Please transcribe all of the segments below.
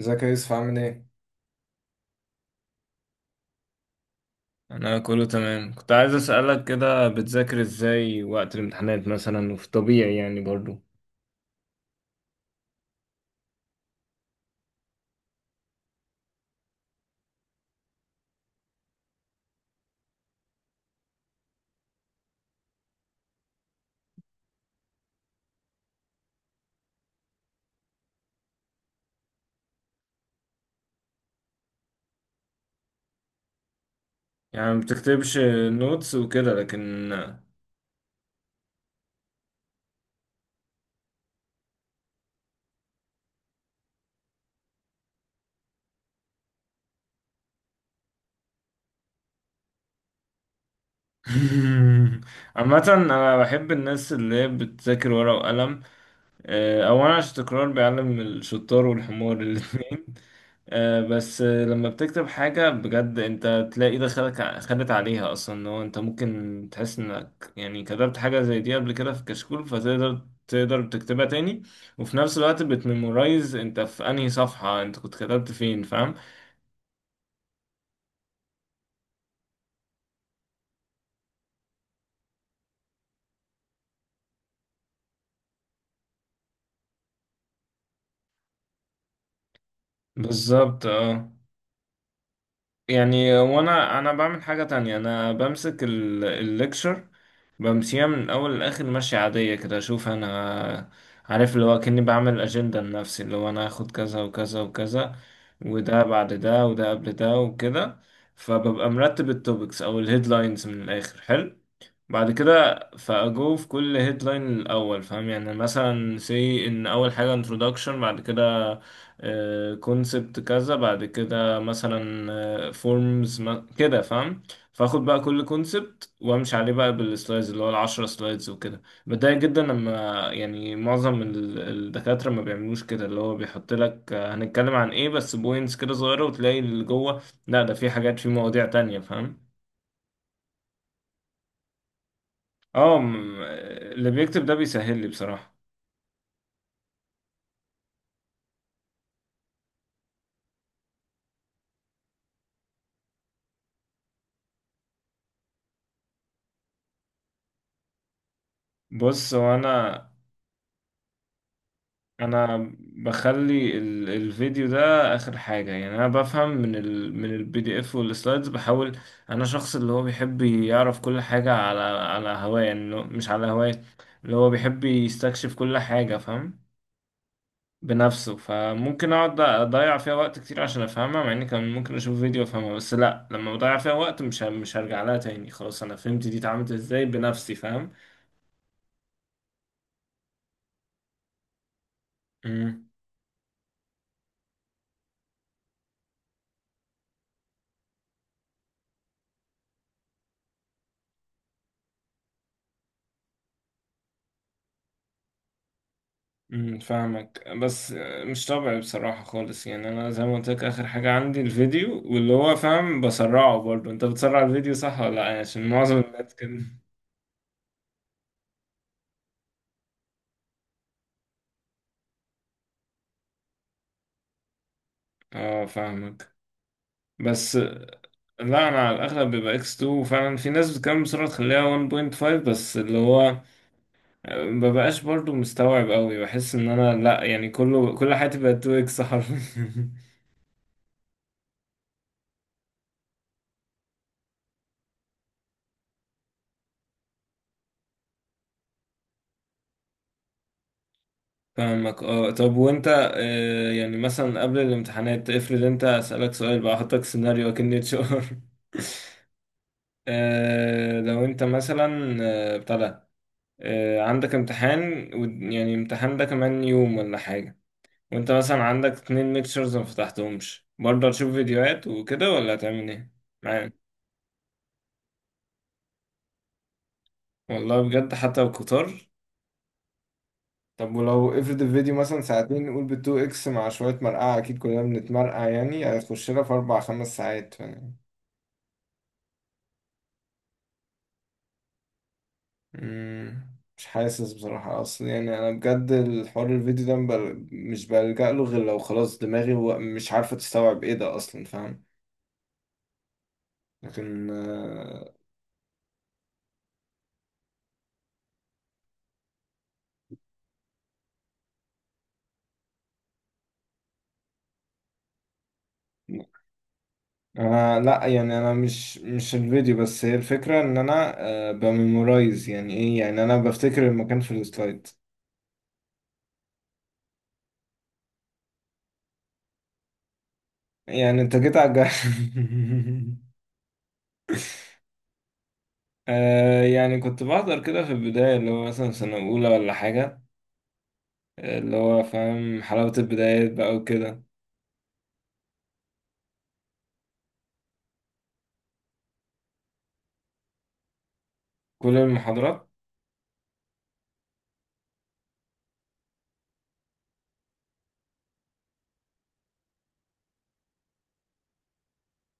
ازيك يا يوسف عامل ايه؟ انا كله تمام، كنت عايز اسالك كده بتذاكر ازاي وقت الامتحانات مثلا وفي طبيعي يعني برضو. يعني ما بتكتبش نوتس وكده لكن عامه انا بحب الناس اللي هي بتذاكر ورقه وقلم. اولا عشان التكرار بيعلم الشطار والحمار الاثنين. آه، بس آه، لما بتكتب حاجة بجد انت تلاقي ايدك خدت عليها اصلا ان هو انت ممكن تحس انك يعني كتبت حاجة زي دي قبل كده في كشكول فتقدر تكتبها تاني، وفي نفس الوقت بتميمورايز انت في انهي صفحة انت كنت كتبت فين، فاهم؟ بالظبط اه. يعني وانا بعمل حاجة تانية، انا بمسك الليكشر بمشيها من الاول لاخر ماشية عادية كده، اشوف انا عارف اللي هو كأني بعمل اجندة لنفسي اللي هو انا هاخد كذا وكذا وكذا، وده بعد ده وده قبل ده وكده. فببقى مرتب التوبكس او الهيدلاينز من الاخر، حلو. بعد كده فأجو في كل هيدلاين الأول، فاهم؟ يعني مثلا سي إن أول حاجة introduction، بعد كده كونسبت كذا، بعد كده مثلا فورمز كده، فاهم؟ فاخد بقى كل كونسبت وامشي عليه بقى بالسلايدز اللي هو العشرة سلايدز وكده. بتضايق جدا لما يعني معظم الدكاترة ما بيعملوش كده، اللي هو بيحط لك هنتكلم عن ايه، بس بوينتس كده صغيرة، وتلاقي اللي جوه لا ده في حاجات في مواضيع تانية، فاهم؟ اه م- اللي بيكتب ده بيسهل لي بصراحة. بص هو انا، بخلي الفيديو ده اخر حاجة، يعني انا بفهم من ال من البي دي اف والسلايدز. بحاول انا شخص اللي هو بيحب يعرف كل حاجة على على هواه، يعني اللي هو- مش على هواه اللي هو بيحب يستكشف كل حاجة، فاهم؟ بنفسه، فممكن اقعد اضيع فيها وقت كتير عشان افهمها، مع اني كان ممكن اشوف فيديو افهمها. بس لا، لما بضيع فيها وقت مش هرجع لها تاني، خلاص انا فهمت دي اتعملت ازاي بنفسي، فاهم؟ مم. فاهمك. بس مش طبيعي بصراحة خالص، يعني أنا زي ما قلت لك آخر حاجة عندي الفيديو، واللي هو فاهم بسرعه. برضه أنت بتسرع الفيديو صح ولا لأ؟ يعني عشان معظم الناس كده. اه فاهمك. بس لا، أنا على الأغلب بيبقى إكس 2، وفعلا في ناس بتتكلم بسرعة تخليها 1.5، بس اللي هو مببقاش برضه مستوعب أوي، بحس إن أنا لأ، يعني كله كل حياتي بقت 2 إكس حرفيا فاهمك اه. طب وانت يعني مثلا قبل الامتحانات افرض انت، اسألك سؤال بقى، احطك سيناريو اكن اتش ار لو انت مثلا آه، بتاع ده آه، عندك امتحان يعني امتحان ده كمان يوم ولا حاجة، وانت مثلا عندك اتنين ليكتشرز ما فتحتهمش، برضه هتشوف فيديوهات وكده ولا هتعمل ايه؟ معاك والله بجد حتى القطار. طب ولو افرض الفيديو مثلا ساعتين، نقول بالتو اكس مع شوية مرقعة أكيد كلنا بنتمرقع، يعني هتخش لها في أربع خمس ساعات. مم. مش حاسس بصراحة، أصل يعني أنا بجد الحوار الفيديو ده مش بلجأ له غير لو خلاص دماغي مش عارفة تستوعب إيه ده أصلا، فاهم؟ لكن أنا لأ، يعني أنا مش الفيديو بس، هي الفكرة إن أنا بميمورايز يعني إيه، يعني أنا بفتكر المكان في السلايد. يعني أنت جيت على الجرح. آه، يعني كنت بحضر كده في البداية اللي هو مثلا سنة أولى ولا حاجة، اللي هو فاهم حلاوة البدايات بقى وكده. كل المحاضرات؟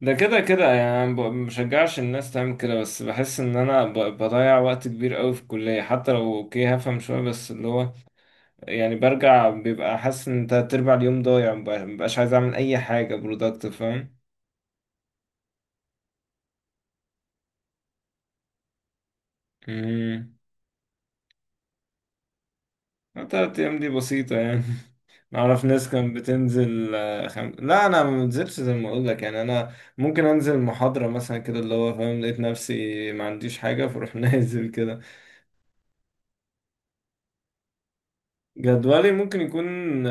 ده كده كده يعني أنا مشجعش الناس تعمل كده، بس بحس ان انا بضيع وقت كبير قوي في الكلية. حتى لو اوكي هفهم شوية، بس اللي هو يعني برجع بيبقى حاسس ان تلات ارباع اليوم ضايع، مبقاش عايز اعمل اي حاجة برودكتيف، فاهم؟ امم. تلات ايام دي بسيطة يعني نعرف ناس كانت بتنزل. لا انا ما بنزلش زي ما اقول لك، يعني انا ممكن انزل محاضرة مثلا كده اللي هو فاهم لقيت نفسي ما عنديش حاجة، فاروح نازل كده. جدولي ممكن يكون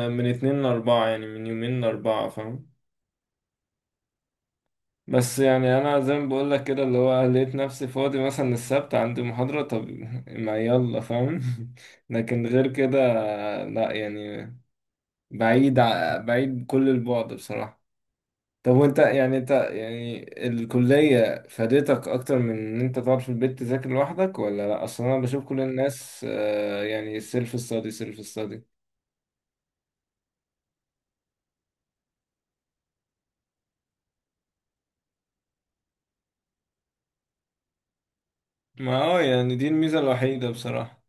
من اتنين لأربعة، يعني من يومين لأربعة، فاهم؟ بس يعني أنا زي ما بقولك كده اللي هو لقيت نفسي فاضي، مثلا السبت عندي محاضرة، طب ما يلا فاهم لكن غير كده، لأ يعني بعيد كل البعد بصراحة. طب وانت، يعني انت يعني الكلية فادتك أكتر من إن أنت تقعد في البيت تذاكر لوحدك ولا لأ؟ أصل أنا بشوف كل الناس يعني سيلف ستادي سيلف ستادي. ما اه، يعني دي الميزة الوحيدة بصراحة.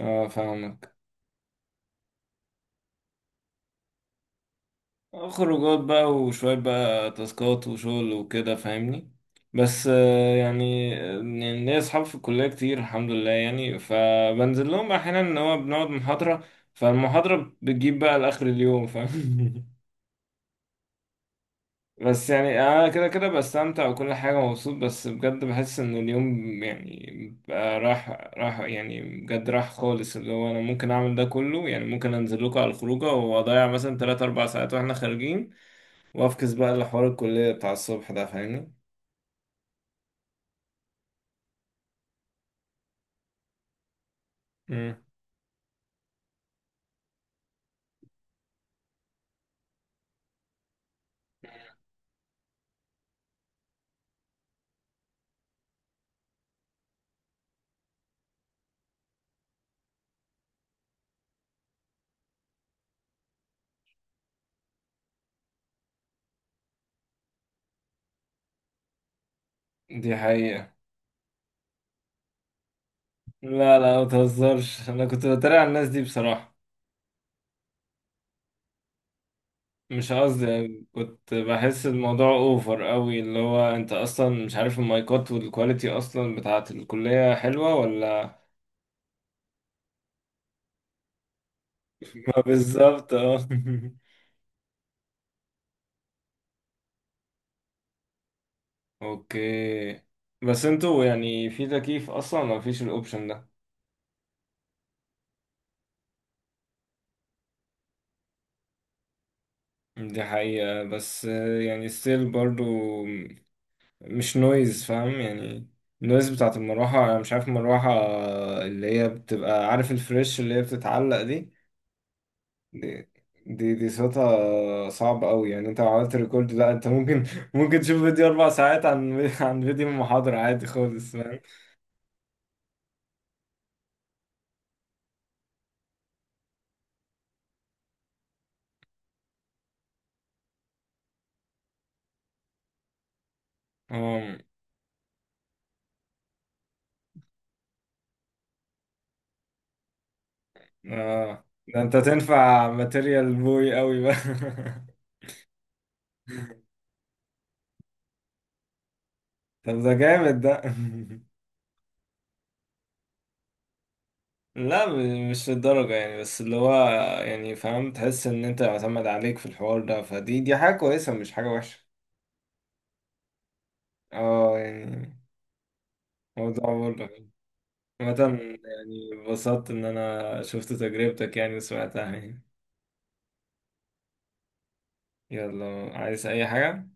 اه فاهمك. خروجات بقى، وشوية بقى تاسكات وشغل وكده، فاهمني؟ بس يعني ليا أصحاب في الكلية كتير الحمد لله، يعني فبنزل لهم بقى أحيانا إن هو بنقعد محاضرة، فالمحاضرة بتجيب بقى لآخر اليوم، فاهم؟ بس يعني أنا كده كده بستمتع وكل حاجة مبسوط، بس بجد بحس إن اليوم يعني بقى راح. راح يعني بجد راح خالص، اللي هو أنا ممكن أعمل ده كله، يعني ممكن أنزل لكم على الخروجة وأضيع مثلا تلات أربع ساعات وإحنا خارجين، وافكس بقى لحوار الكلية بتاع الصبح ده، فاهمني؟ امم. دي حقيقة. لا لا ما تهزرش، انا كنت بتريق على الناس دي بصراحة. مش قصدي، يعني كنت بحس الموضوع اوفر قوي، اللي هو انت اصلا مش عارف المايكات والكواليتي اصلا بتاعة الكلية حلوة ولا ما بالظبط اه. اوكي. بس انتوا يعني في تكييف اصلا، ما فيش الاوبشن ده؟ دي حقيقة. بس يعني ستيل برضو مش نويز، فاهم يعني؟ النويز بتاعت المروحة، أنا مش عارف المروحة اللي هي بتبقى، عارف الفريش اللي هي بتتعلق دي؟ دي، دي صوتها صعب قوي، يعني انت لو عملت ريكورد لا انت ممكن ممكن تشوف فيديو أربع ساعات عن فيديو محاضرة عادي خالص، فاهم؟ اه. اه ده انت تنفع ماتيريال بوي قوي بقى طب ده جامد ده لا م- مش للدرجة يعني، بس اللي هو يعني فاهم تحس ان انت معتمد عليك في الحوار ده، فدي حاجة كويسة مش حاجة وحشة. اه يعني موضوع برضه. عامة يعني اتبسطت ان انا شفت تجربتك يعني وسمعتها يعني. يلا، عايز اي حاجة؟